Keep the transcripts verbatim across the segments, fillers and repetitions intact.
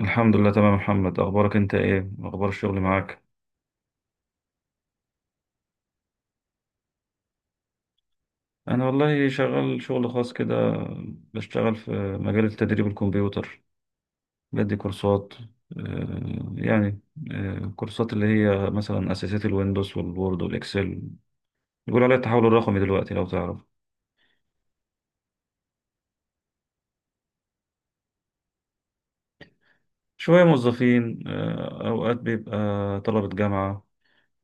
الحمد لله تمام يا محمد، اخبارك انت ايه؟ اخبار الشغل معاك؟ انا والله شغال شغل خاص كده. بشتغل في مجال تدريب الكمبيوتر. بدي كورسات، آه، يعني آه، كورسات اللي هي مثلا اساسيات الويندوز والوورد والاكسل. بيقولوا عليها التحول الرقمي دلوقتي، لو تعرف. شوية موظفين، آه، اوقات بيبقى طلبة جامعة.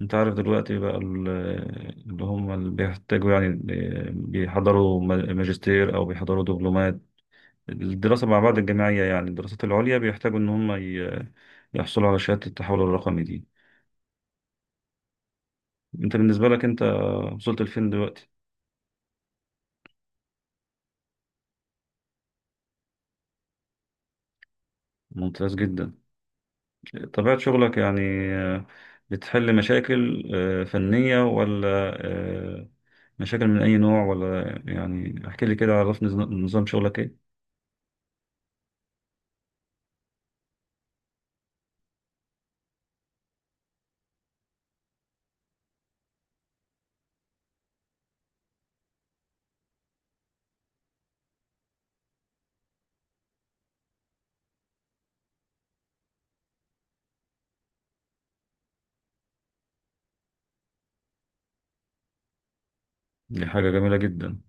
انت عارف دلوقتي بقى ال- اللي هم اللي بيحتاجوا يعني آه، بيحضروا ماجستير او بيحضروا دبلومات. الدراسة مع بعض الجامعية يعني الدراسات العليا بيحتاجوا إن هم ي- يحصلوا على شهادة التحول الرقمي دي. أنت بالنسبة لك أنت وصلت لفين دلوقتي؟ ممتاز جدا. طبيعة شغلك يعني، آه، بتحل مشاكل آه، فنية، ولا آه، مشاكل من أي نوع؟ ولا يعني احكي لي كده، عرفني نظام نظام شغلك إيه؟ دي حاجة جميلة جدا.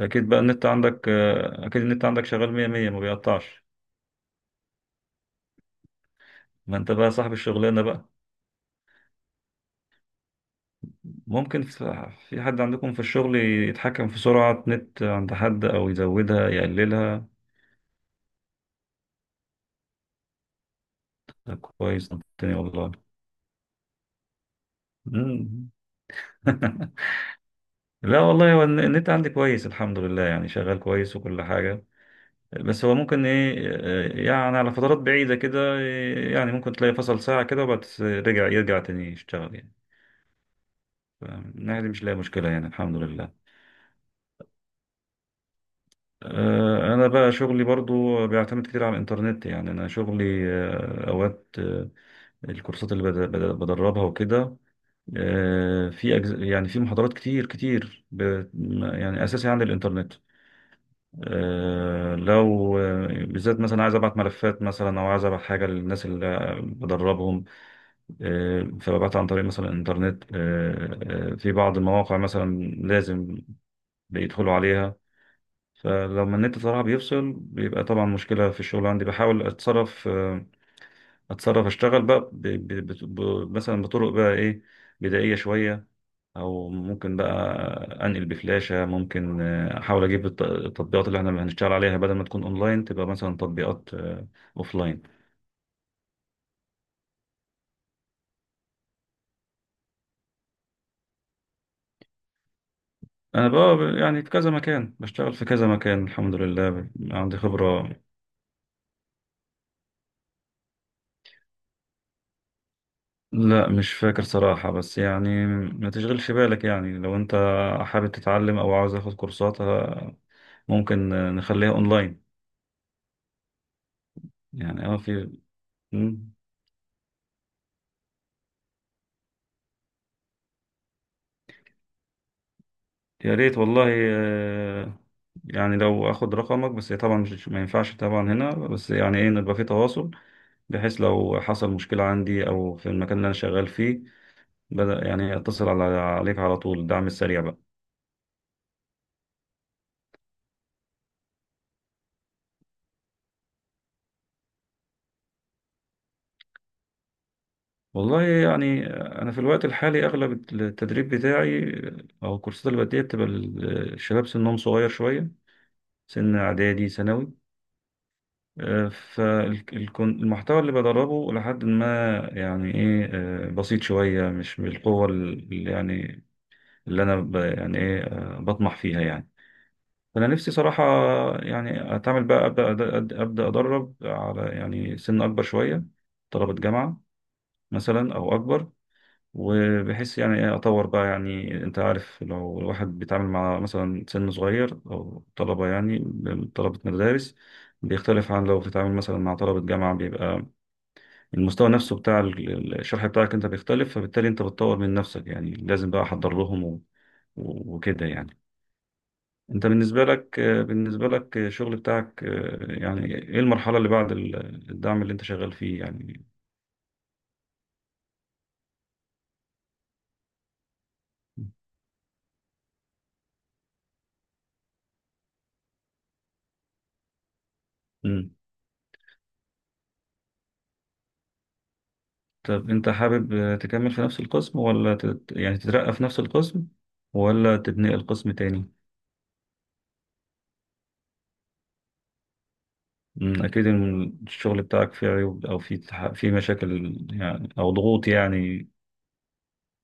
أكيد بقى النت عندك آه، أكيد النت عندك شغال مية مية ما بيقطعش. ما أنت بقى صاحب الشغلانة. ممكن في في حد عندكم في الشغل يتحكم في سرعة نت عند حد، أو يزودها يقللها؟ ده كويس، الدنيا والله. مم. لا والله، هو الن- النت عندي كويس الحمد لله، يعني شغال كويس وكل حاجة. بس هو ممكن إيه، آه، يعني على فترات بعيدة كده، آه، يعني ممكن تلاقي فصل ساعة كده، وبعد رجع يرجع تاني يشتغل يعني. فمن الناحية دي مش لاقي مشكلة يعني، الحمد لله. آه، أنا بقى شغلي برضو بيعتمد كتير على الإنترنت، يعني أنا شغلي آه، أوقات الكورسات اللي بد- بد- بدربها وكده، آه، في أجز... يعني في محاضرات كتير كتير ب... يعني أساسي عن الإنترنت. آه، لو آه، بالذات مثلا عايز أبعت ملفات مثلا، أو عايز أبعت حاجة للناس اللي بدربهم، آه، فببعتها عن طريق مثلا الإنترنت. آه، آه، في بعض المواقع مثلا لازم بيدخلوا عليها. فلما النت صراحة بيفصل بيبقى طبعا مشكلة في الشغل عندي، بحاول أتصرف، آه، اتصرف اشتغل بقى ب... ب... بت- ب... مثلا بطرق بقى ايه، بدائية شوية، او ممكن بقى انقل بفلاشة. ممكن آه، احاول اجيب الت- التطبيقات اللي احنا هنشتغل عليها، بدل ما تكون اونلاين تبقى مثلا تطبيقات اوفلاين. انا بقى ب- يعني في كذا مكان بشتغل، في كذا مكان الحمد لله، ب- عندي خبرة. لا مش فاكر صراحة، بس يعني ما تشغلش بالك. يعني لو انت حابب تتعلم او عاوز اخد كورسات، آه، ممكن آه، نخليها اونلاين. يعني اه في. مم. يا ريت والله. آه، يعني لو اخد رقمك، بس طبعا مش، ما ينفعش طبعا هنا، بس يعني ايه نبقى في تواصل، بحيث لو حصل مشكلة عندي او في المكان اللي انا شغال فيه، بدأ يعني اتصل على عليك على طول، الدعم السريع بقى. والله يعني انا في الوقت الحالي اغلب التدريب بتاعي او الكورسات اللي بديها بتبقى الشباب سنهم صغير شوية، سن اعدادي ثانوي. فالمحتوى اللي بدربه لحد ما يعني ايه، آه، بسيط شوية، مش بالقوة اللي يعني اللي انا ب يعني ايه، آه، بطمح فيها يعني. فانا نفسي صراحة يعني اتعامل بقى ابدا ابدا أبدأ ادرب على يعني سن اكبر شوية، طلبة جامعة مثلا او اكبر، وبحيث يعني ايه اطور بقى. يعني انت عارف لو الواحد بيتعامل مع مثلا سن صغير او طلبة، يعني طلبة مدارس، بيختلف عن لو بتتعامل مثلا مع طلبة جامعة. بيبقى المستوى نفسه بتاع ال- الشرح بتاعك انت بيختلف، فبالتالي انت بتطور من نفسك. يعني لازم بقى احضر لهم و- و- وكده يعني. انت بالنسبة لك بالنسبة لك الشغل بتاعك يعني ايه المرحلة اللي بعد ال- الدعم اللي انت شغال فيه يعني؟ مم. طب انت حابب تكمل في نفس القسم، ولا تت... يعني تترقى في نفس القسم، ولا تبني القسم تاني؟ مم. اكيد إن الشغل بتاعك فيه عيوب، او فيه تح... فيه مشاكل يعني، او ضغوط يعني،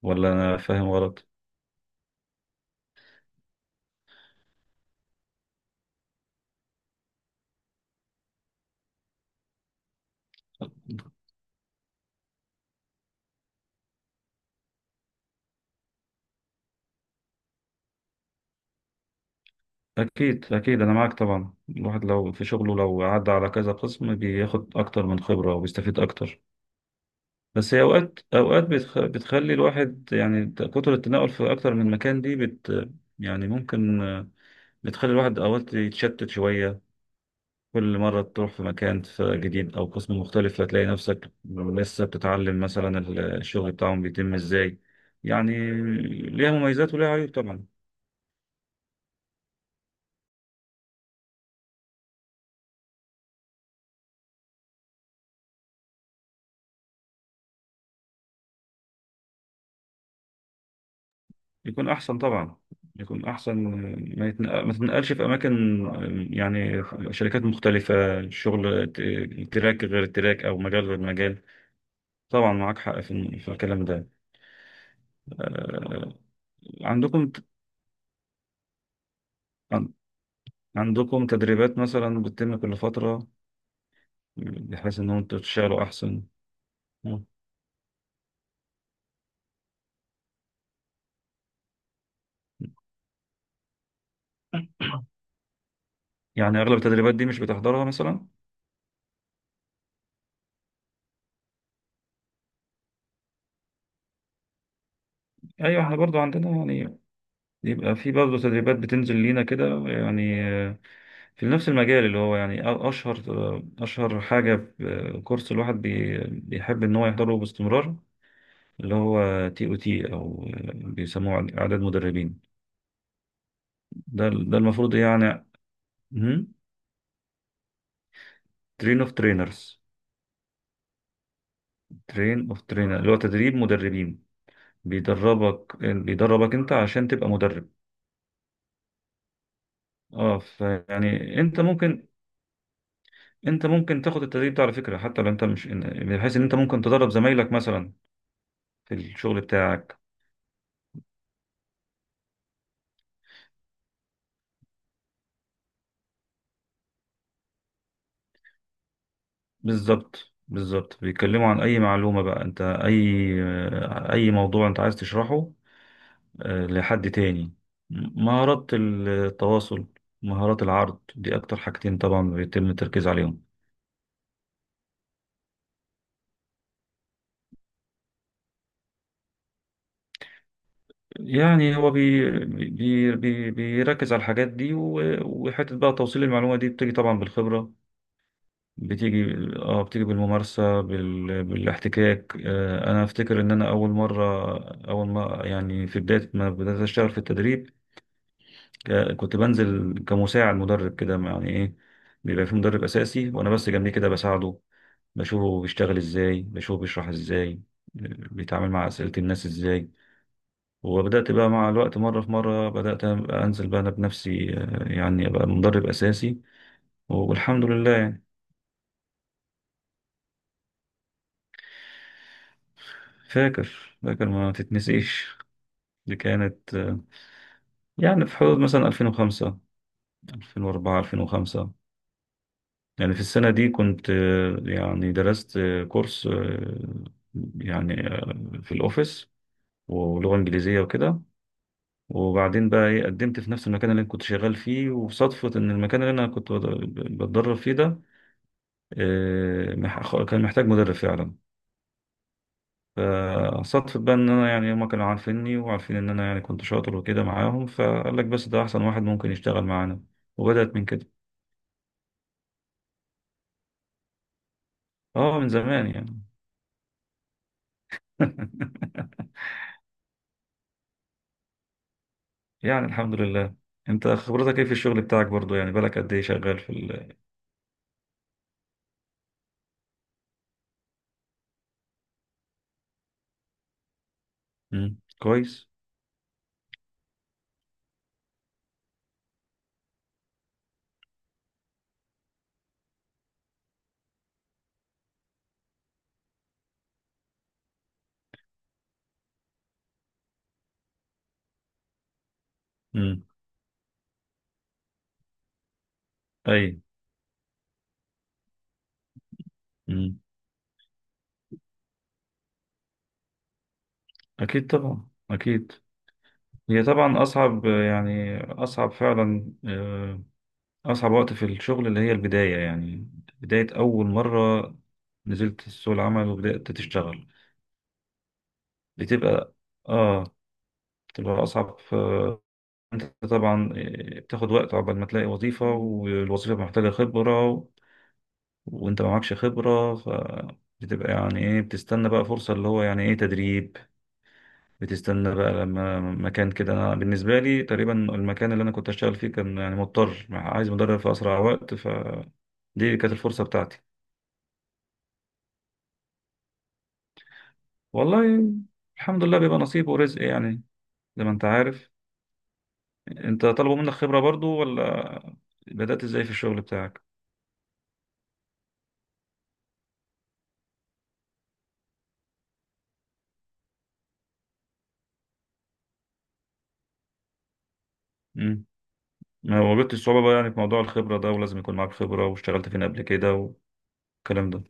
ولا انا فاهم غلط؟ أكيد أكيد، أنا معاك طبعا. الواحد لو في شغله، لو عدى على كذا قسم، بياخد أكتر من خبرة وبيستفيد أكتر. بس هي أوقات أوقات بتخ... بتخلي الواحد، يعني كتر التنقل في أكتر من مكان دي بت... يعني ممكن آه، بتخلي الواحد أوقات يتشتت شوية. كل مرة تروح في مكان ف- جديد أو قسم مختلف هتلاقي نفسك لسه بتتعلم مثلا ال- الشغل بتاعهم بيتم إزاي يعني. ليها مميزات وليها عيوب طبعا. يكون احسن طبعا، يكون احسن. ما يتن- ما تنقلش في اماكن، يعني شركات مختلفه، شغل ت- تراك غير التراك، او مجال غير مجال. طبعا معاك حق في في الكلام ده. آه، عندكم عن- عندكم تدريبات مثلا بتتم كل فتره، بحيث ان انتوا تشتغلوا احسن؟ مم. يعني اغلب التدريبات دي مش بتحضرها مثلا؟ ايوه، احنا برضو عندنا يعني، يبقى في برضو تدريبات بتنزل لينا كده يعني، في نفس المجال، اللي هو يعني أ- أشهر أشهر حاجة ب- كورس الواحد بي- بيحب إن هو يحضره باستمرار، اللي هو تي أو تي، أو بيسموه إعداد مدربين. ده ده المفروض يعني ترين أوف ترينرز، ترين أوف ترينر، اللي هو تدريب مدربين. بيدربك بيدربك أنت عشان تبقى مدرب. أه فيعني أنت ممكن أنت ممكن تاخد التدريب ده على فكرة، حتى لو أنت مش إن- بحيث إن أنت ممكن تدرب زمايلك مثلا في الشغل بتاعك. بالظبط بالظبط، بيتكلموا عن اي معلومة بقى انت، اي آه، اي موضوع انت عايز تشرحه، آه، لحد تاني مهارات التواصل، مهارات العرض، دي اكتر حاجتين طبعا بيتم التركيز عليهم. يعني هو بي بي بي بيركز على الحاجات دي، و- وحتة بقى توصيل المعلومة دي بتيجي طبعا بالخبرة. بتيجي اه بتيجي بالممارسة، بال... بالاحتكاك. آه، انا افتكر ان انا اول مرة، اول ما يعني في بداية ما بدأت اشتغل في التدريب، ك- كنت بنزل كمساعد مدرب كده، يعني ايه، بيبقى في مدرب اساسي وانا بس جنبيه كده بساعده، بشوفه بيشتغل ازاي، بشوفه بيشرح ازاي، بيتعامل مع اسئله الناس ازاي. وبدات بقى مع الوقت مره في مره بدات أبقى انزل بقى انا بنفسي، آه، يعني ابقى مدرب اساسي، والحمد لله يعني. فاكر فاكر، ما تتنسيش. دي كانت آه، يعني في حدود مثلا ألفين وخمسة، ألفين وأربعة، ألفين وخمسة. يعني في السنة دي كنت آه، يعني درست آه، كورس، آه، يعني آه، في الأوفيس ولغة إنجليزية وكده. وبعدين بقى إيه قدمت في نفس المكان اللي أنا كنت شغال فيه، وصدفة إن المكان اللي أنا كنت بد- بتدرب فيه ده، آه، مح- كان محتاج مدرب فعلا. فصدفة بقى إن أنا، يعني هما كانوا عارفيني وعارفين إن أنا يعني كنت شاطر وكده معاهم، فقال لك بس ده أحسن واحد ممكن يشتغل معانا، وبدأت من كده. أه، من زمان يعني. يعني الحمد لله. انت خبرتك ايه في الشغل بتاعك برضو يعني، بالك قد ايه شغال في ال مم. كويس. مم. اي. مم. اكيد طبعا، اكيد. هي طبعا اصعب، يعني اصعب فعلا، آه، اصعب وقت في الشغل اللي هي البداية يعني، بداية اول مرة نزلت سوق العمل وبدأت تشتغل. بتبقى اه بتبقى اصعب. آه، انت طبعا آه، بتاخد وقت عقبال ما تلاقي وظيفة، والوظيفة محتاجة خبرة وانت ما معكش خبرة، فبتبقى يعني ايه بتستنى بقى فرصة، اللي هو يعني ايه تدريب. بتستنى بقى لما مكان كده، انا بالنسبة لي تقريبا المكان اللي انا كنت اشتغل فيه كان يعني مضطر عايز مدرب في اسرع وقت، فدي كانت الفرصة بتاعتي. والله الحمد لله بيبقى نصيب ورزق يعني، زي ما انت عارف. انت طلبوا منك خبرة برضو، ولا بدأت ازاي في الشغل بتاعك؟ مم. ما واجهتش صعوبة بقى يعني في موضوع الخبرة ده، ولازم يكون معاك خبرة واشتغلت فين قبل كده والكلام ده؟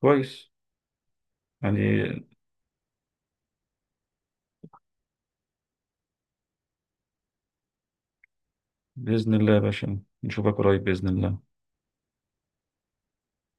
كويس، يعني بإذن الله يا باشا، نشوفك قريب بإذن الله.